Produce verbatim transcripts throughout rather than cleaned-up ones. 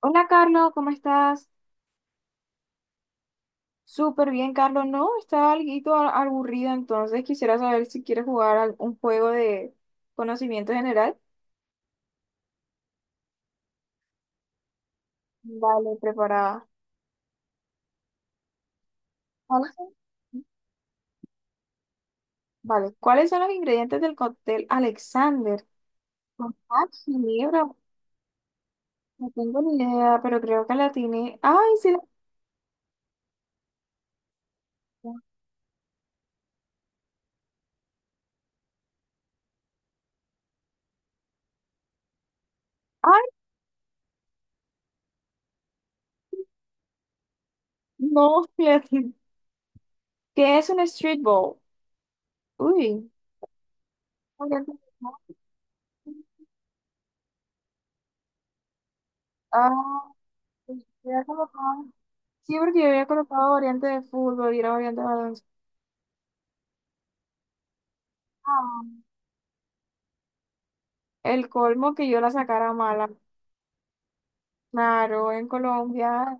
Hola Carlos, ¿cómo estás? Súper bien, Carlos. No, estaba algo a- aburrida, entonces quisiera saber si quieres jugar al- un juego de conocimiento general. Vale, preparada. ¿Cuáles son? Vale, ¿cuáles son los ingredientes del cóctel Alexander? Cognac, ginebra, no tengo ni idea, pero creo que la atiné. Ay, sí la atiné. Ay, no, sí la atiné. ¿Qué es un street ball? Uy. Ah, sí, porque yo había colocado variante de fútbol y era variante de baloncesto. Ah, el colmo que yo la sacara mala. Claro, en Colombia,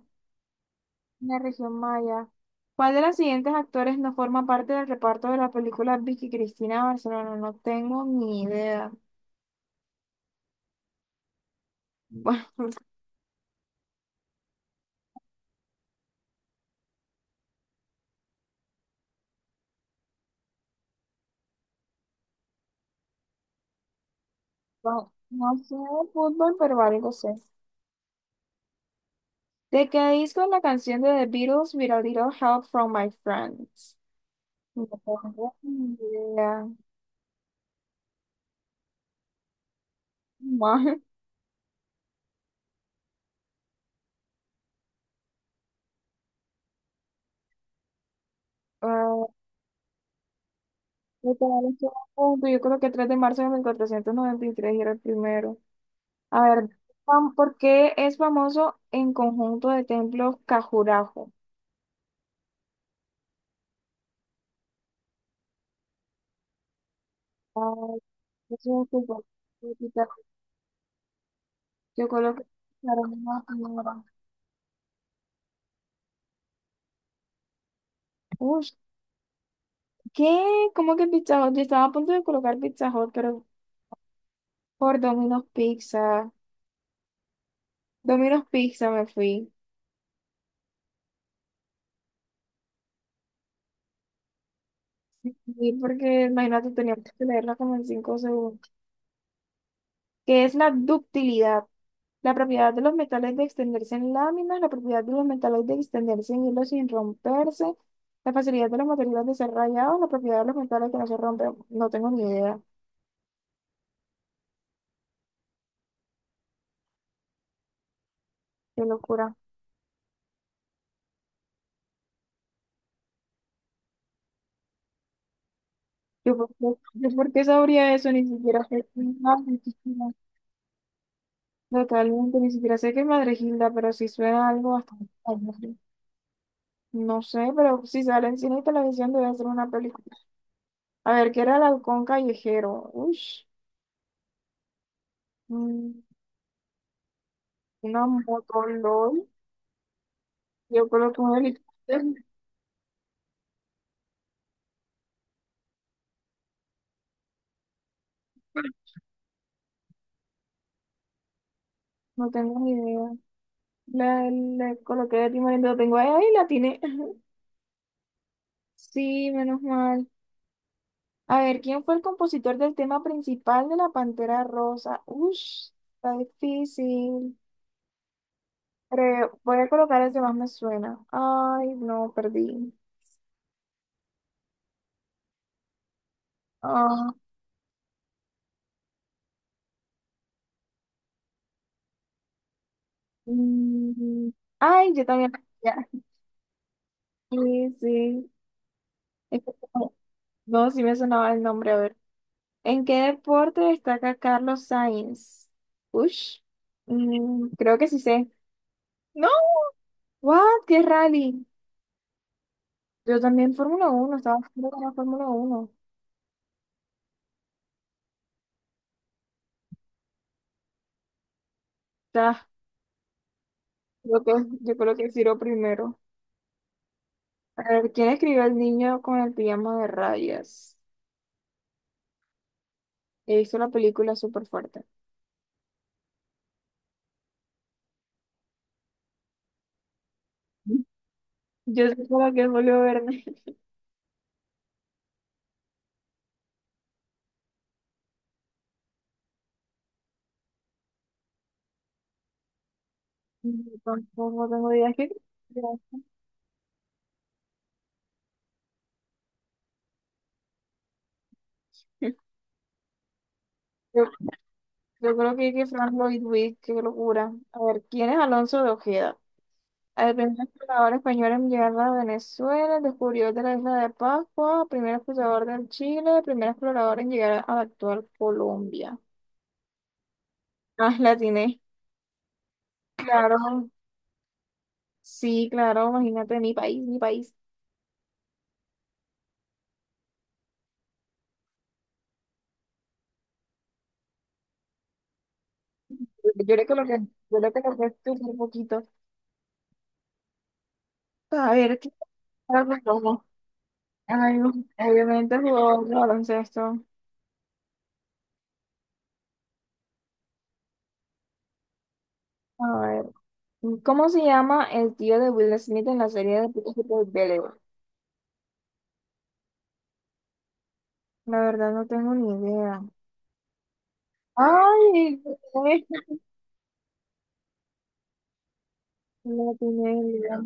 en la región maya. ¿Cuál de los siguientes actores no forma parte del reparto de la película Vicky Cristina Barcelona? No tengo ni idea. Bueno, no no sé de fútbol, pero algo sé. ¿De qué disco es la canción de The Beatles, With a Little Help from My Friends? No tengo ni idea. Mal. Me quedaron solo un punto. Yo creo que tres de marzo de mil cuatrocientos noventa y tres era el primero. A ver, fam- ¿por qué es famoso en conjunto de templos Cajurajo? Ay, eso es súper chiquita. Yo creo que Picharon es primera. Uy, ¿qué? ¿Cómo que Pizza Hut? Yo estaba a punto de colocar Pizza Hut, pero por Domino's Pizza. Domino's Pizza me fui. Sí, porque, imagínate, tenía que leerla como en cinco segundos. ¿Qué es la ductilidad? La propiedad de los metales de extenderse en láminas, la propiedad de los metales de extenderse en hilos sin romperse, la facilidad de los materiales de ser rayados, la propiedad de los metales que no se rompen. No tengo ni idea. Qué locura. Yo, por yo- yo por qué sabría eso, ni siquiera sé qué es más, ni siquiera- Totalmente, ni siquiera sé qué es Madregilda, pero sí suena algo bastante famoso. No sé, pero si sale en cine y televisión debe ser una película. A ver, ¿qué era el halcón callejero? Uy, una moto, LOL. Yo coloco un helicóptero. No tengo ni idea. La, la coloqué de timón y lo tengo ahí, ahí la tiene. Sí, menos mal. A ver, ¿quién fue el compositor del tema principal de La Pantera Rosa? Ush, está difícil. Creo- voy a colocar el que más me suena. Ay, no, perdí. Ah, mm, ay, yo también. Ya. Sí, sí. Es que- como- No, sí me sonaba el nombre. A ver. ¿En qué deporte destaca Carlos Sainz? Ush. Mm, creo que sí sé. No, what? ¿Qué rally? Yo también Fórmula uno. Estaba haciendo con la Fórmula uno. O yo creo, yo creo que Ciro primero. A ver, ¿quién escribió el niño con el pijama de rayas? He visto la película súper fuerte. Yo sé como que es Julio Verne. Yo tampoco tengo idea que... Yo, yo creo que, que Frank Lloyd Wright, qué locura. A ver, ¿quién es Alonso de Ojeda? El primer explorador español en llegar a Venezuela, el descubridor de la isla de Pascua, primer explorador del Chile, el primer explorador en llegar a la actual Colombia. Ah, la tiene. Claro, sí, claro, imagínate, mi país, mi país. Yo le coloqué, yo le coloqué un poquito. A ver, ¿qué tal los lobos? Ay, no, obviamente el jugador de baloncesto. A ver, ¿cómo se llama el tío de Will Smith en la serie de Peaky Blinders? La verdad no tengo ni idea. Ay, no tiene idea.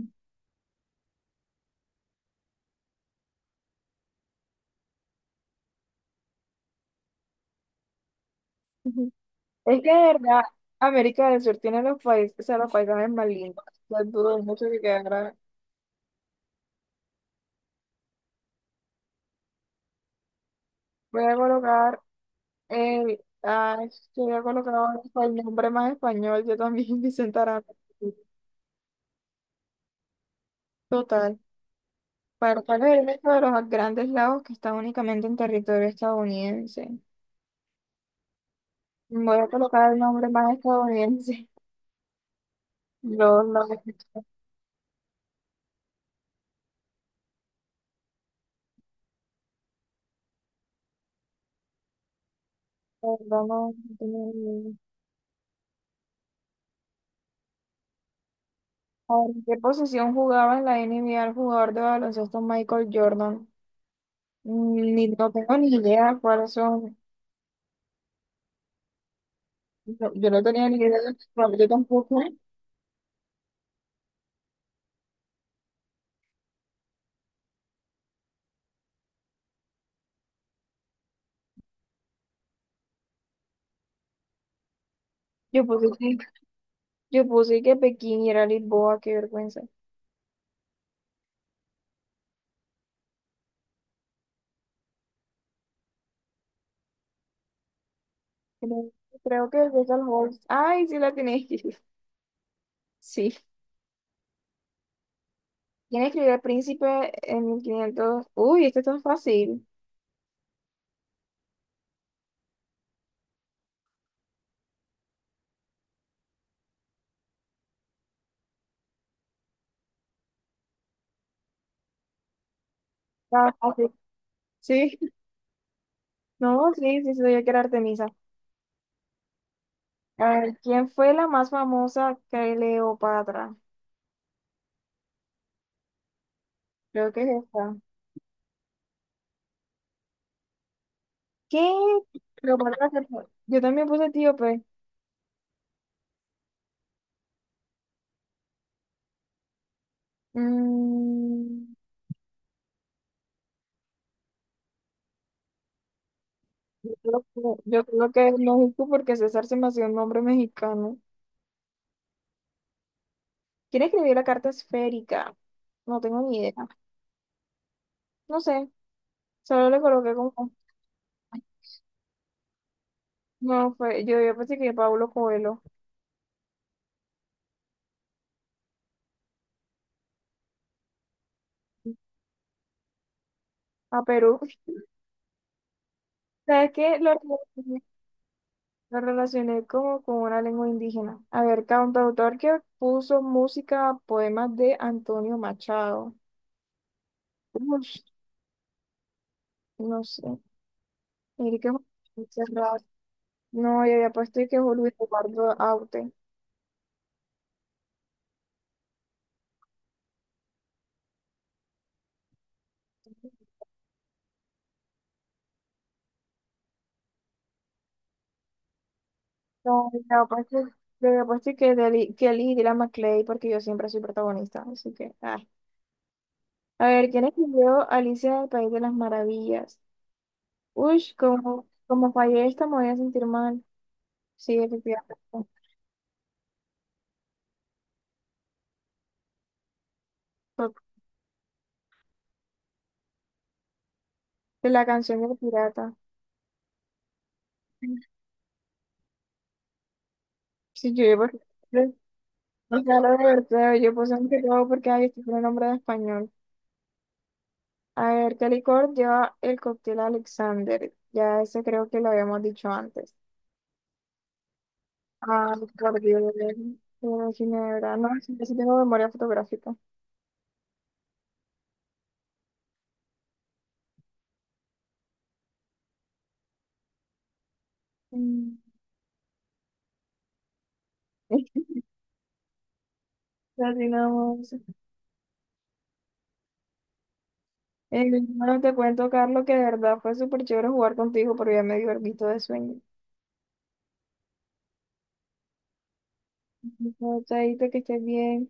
Ujú. Es que de verdad, América del Sur tiene los países, o sea, los paisajes más lindos. O sea, dudo mucho que quedara. Voy a colocar el, ay, yo voy a colocar el nombre más español, yo también, Vicente Aranda. Total. Para cuál es el resto de los grandes lagos que están únicamente en territorio estadounidense. Voy a colocar el nombre más estadounidense. No, no, no, no, no, no, no, no, no, no, no, no, no, no, no, no, no, no, no, no, ¿en qué posición jugaba en la N B A el jugador de baloncesto Michael Jordan? Mm, ni, no tengo ni idea cuáles son. No, yo no tenía ni idea, bueno, yo tampoco. Yo puse que, yo puse que Pekín y era Lisboa, qué vergüenza. Creo, creo que es el Holst. Ay, sí la tiene. Sí. ¿Quién escribió El Príncipe en mil quinientos? Uy, este está fácil. Está fácil. Sí, no, sí, sí, sabía que era Artemisa. A ver, ¿quién fue la más famosa Cleopatra? Creo que es esta. ¿Qué? Lo mandaste por- Yo también puse etíope. Mm, yo creo que yo creo que es lógico porque César se me hacía un nombre mexicano. ¿Quién escribió la carta esférica? No tengo ni idea. No sé, solo le coloqué como... No, fue, yo, yo pensé que Pablo Coelho a Perú. ¿Sabes qué? Lo relacioné, lo relacioné como con una lengua indígena. A ver, cantautor que puso música a poemas de Antonio Machado. Ush, no sé. Mire que Juan cerrado. No, yo había puesto y que Julio Eduardo Aute. No, yo había puesto, yo había puesto y que Deli- Kelly y Dylan McLean, porque yo siempre soy protagonista. Así que, ah. A ver, ¿quién escribió Alicia del País de las Maravillas? Uy, como, como fallé esta, me voy a sentir mal. Sí, efectivamente. De la canción del pirata. Sí, yo, por ejemplo, o sea, lo de verdad, yo puse un pecado porque ahí estoy con un nombre de español. A ver, ¿qué licor lleva el cóctel Alexander? Ya ese creo que lo habíamos dicho antes. Ah, por Dios, una ginebra. No, sí, yo sí tengo memoria fotográfica. Mm, así nada más. Eh, bueno, te cuento, Carlos, que de verdad fue súper chévere jugar contigo, pero ya me dio el visto de sueño. No, Chaito, que estés bien.